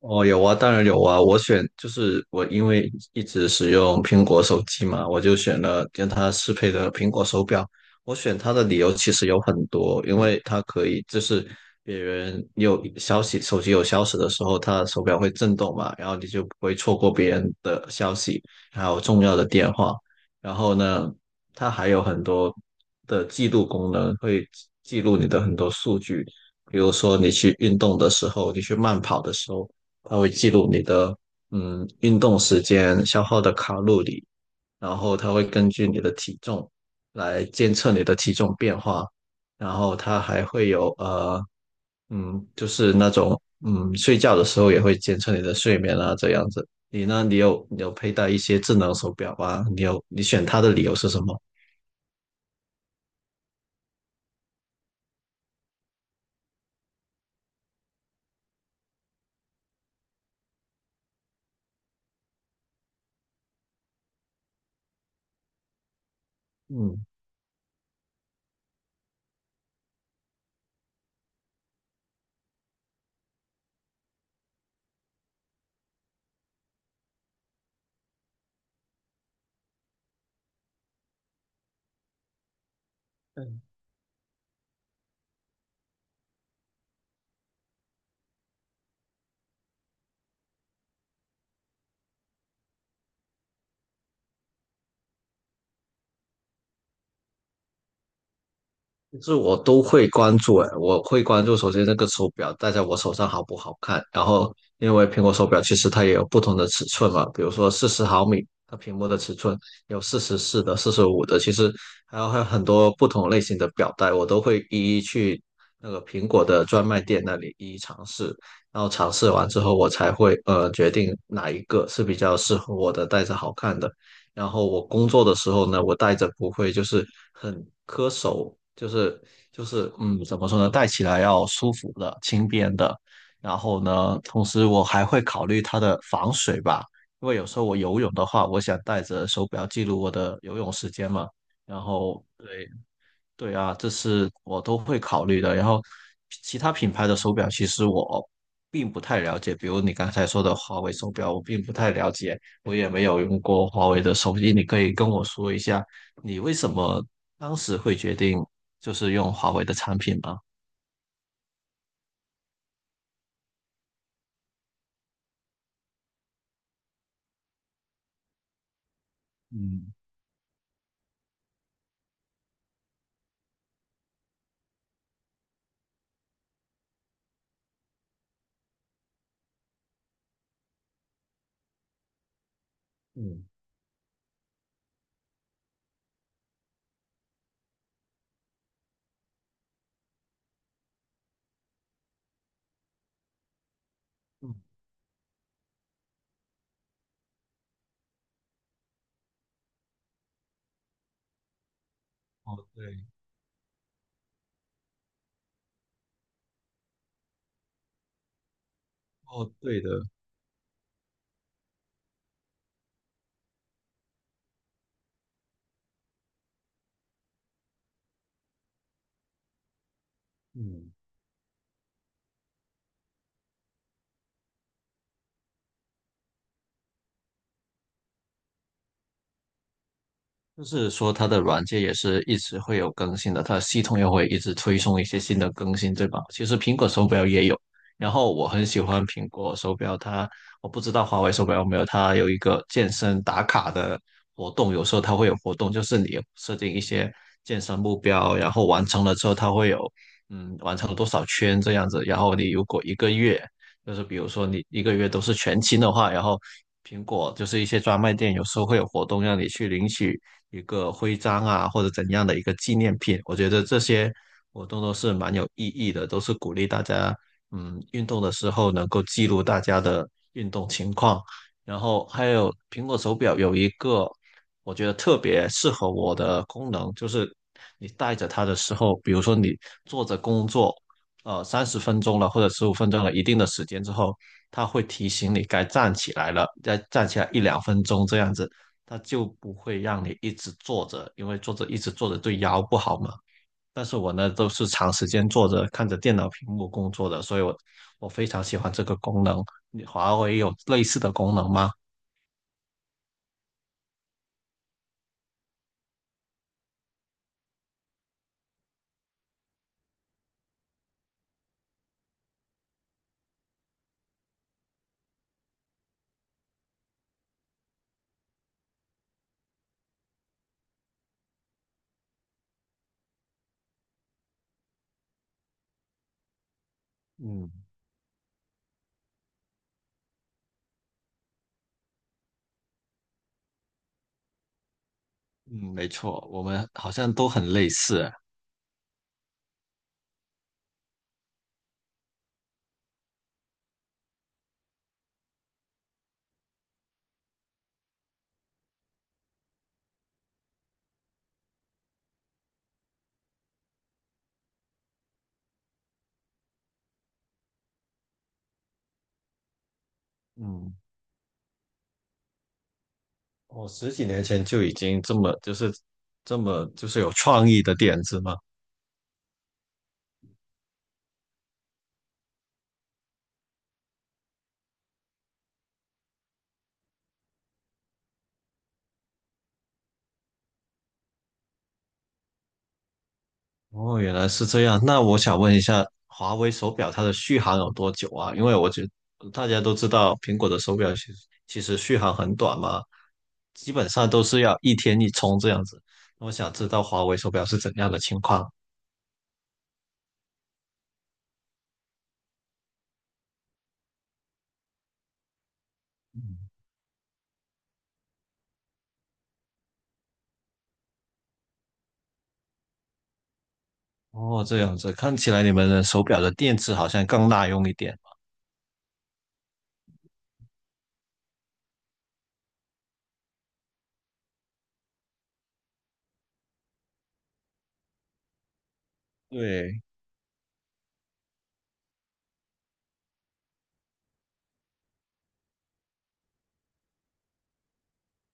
哦，有啊，当然有啊。我选就是我，因为一直使用苹果手机嘛，我就选了跟它适配的苹果手表。我选它的理由其实有很多，因为它可以别人有消息，手机有消息的时候，它的手表会震动嘛，然后你就不会错过别人的消息，还有重要的电话。然后呢，它还有很多的记录功能，会记录你的很多数据，比如说你去运动的时候，你去慢跑的时候。它会记录你的运动时间、消耗的卡路里，然后它会根据你的体重来监测你的体重变化，然后它还会有就是那种睡觉的时候也会监测你的睡眠啊这样子。你呢？你有佩戴一些智能手表啊？你选它的理由是什么？嗯其实我都会关注，诶，我会关注首先那个手表戴在我手上好不好看，然后因为苹果手表其实它也有不同的尺寸嘛，比如说40mm，它屏幕的尺寸有44的、45的，其实还有很多不同类型的表带，我都会一一去那个苹果的专卖店那里一一尝试，然后尝试完之后我才会决定哪一个是比较适合我的，戴着好看的。然后我工作的时候呢，我戴着不会很磕手，怎么说呢，戴起来要舒服的、轻便的。然后呢，同时我还会考虑它的防水吧，因为有时候我游泳的话，我想带着手表记录我的游泳时间嘛。然后对。对啊，这是我都会考虑的。然后，其他品牌的手表其实我并不太了解，比如你刚才说的华为手表，我并不太了解，我也没有用过华为的手机。你可以跟我说一下，你为什么当时会决定用华为的产品吗？嗯。嗯。嗯，哦对。哦对的。嗯。就是说它的软件也是一直会有更新的，它的系统也会一直推送一些新的更新，对吧？其实苹果手表也有，然后我很喜欢苹果手表，它我不知道华为手表有没有，它有一个健身打卡的活动，有时候它会有活动，就是你设定一些健身目标，然后完成了之后，它会有完成了多少圈这样子，然后你如果一个月比如说你一个月都是全勤的话，然后苹果就是一些专卖店有时候会有活动让你去领取一个徽章啊，或者怎样的一个纪念品。我觉得这些活动都是蛮有意义的，都是鼓励大家，运动的时候能够记录大家的运动情况。然后还有苹果手表有一个我觉得特别适合我的功能，就是你戴着它的时候，比如说你坐着工作，30分钟了或者15分钟了一定的时间之后，它会提醒你该站起来了，再站起来1到2分钟这样子。它就不会让你一直坐着，因为坐着一直坐着对腰不好嘛。但是我呢，都是长时间坐着看着电脑屏幕工作的，所以我非常喜欢这个功能。你华为有类似的功能吗？嗯。嗯，没错，我们好像都很类似。嗯，我十几年前就已经这么有创意的点子嘛。哦，原来是这样。那我想问一下，华为手表它的续航有多久啊？因为我觉得大家都知道，苹果的手表其实续航很短嘛，基本上都是要一天一充这样子。那我想知道华为手表是怎样的情况。哦，这样子，看起来你们的手表的电池好像更耐用一点。对。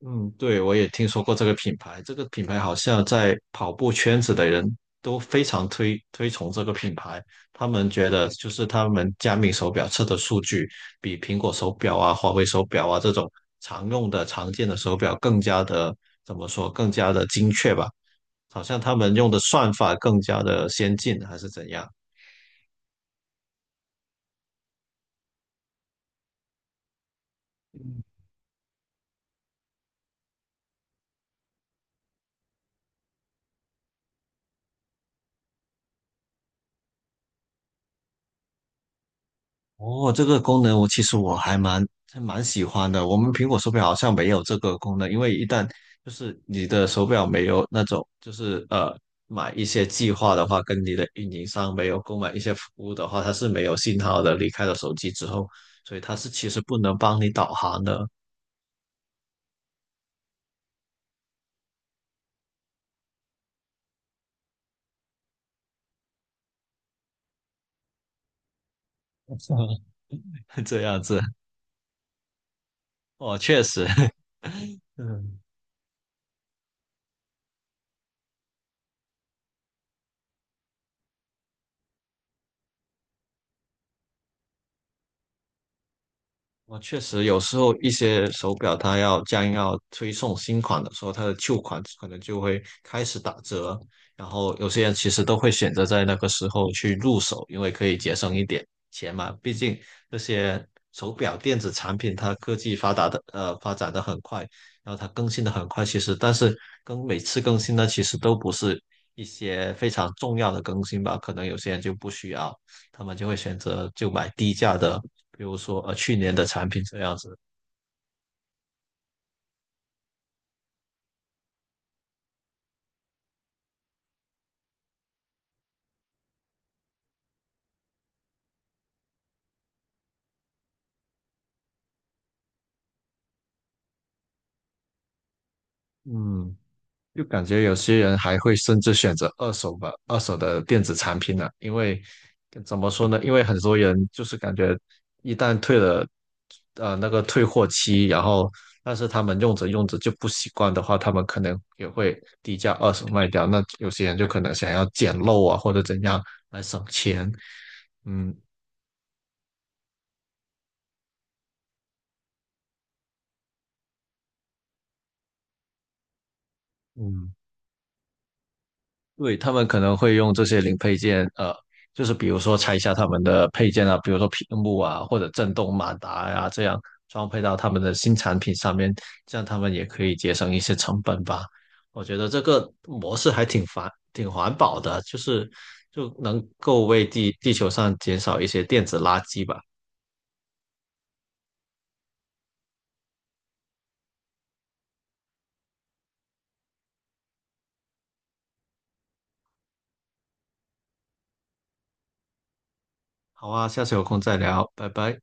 嗯。对，我也听说过这个品牌，这个品牌好像在跑步圈子的人都非常推崇这个品牌。他们觉得他们佳明手表测的数据比苹果手表啊、华为手表啊这种常用的、常见的手表更加的怎么说，更加的精确吧？好像他们用的算法更加的先进，还是怎样？哦，这个功能我其实我还还蛮喜欢的。我们苹果手表好像没有这个功能，因为一旦你的手表没有那种买一些计划的话，跟你的运营商没有购买一些服务的话，它是没有信号的。离开了手机之后，所以它是其实不能帮你导航的。这样子，哦，确实，嗯。我确实有时候一些手表它要将要推送新款的时候，它的旧款可能就会开始打折，然后有些人其实都会选择在那个时候去入手，因为可以节省一点钱嘛。毕竟这些手表电子产品它科技发达的呃发展的很快，然后它更新的很快，其实但是每次更新呢，其实都不是一些非常重要的更新吧，可能有些人就不需要。他们就会选择就买低价的，比如说去年的产品这样子。嗯，就感觉有些人还会甚至选择二手吧，二手的电子产品呢、因为怎么说呢？因为很多人就是感觉一旦退了那个退货期，然后但是他们用着用着就不习惯的话，他们可能也会低价二手卖掉。那有些人就可能想要捡漏啊或者怎样来省钱。嗯。嗯，对，他们可能会用这些零配件，就是比如说拆下他们的配件啊，比如说屏幕啊，或者震动马达呀、这样装配到他们的新产品上面，这样他们也可以节省一些成本吧。我觉得这个模式还挺环保的，就能够为地球上减少一些电子垃圾吧。好啊，下次有空再聊，拜拜。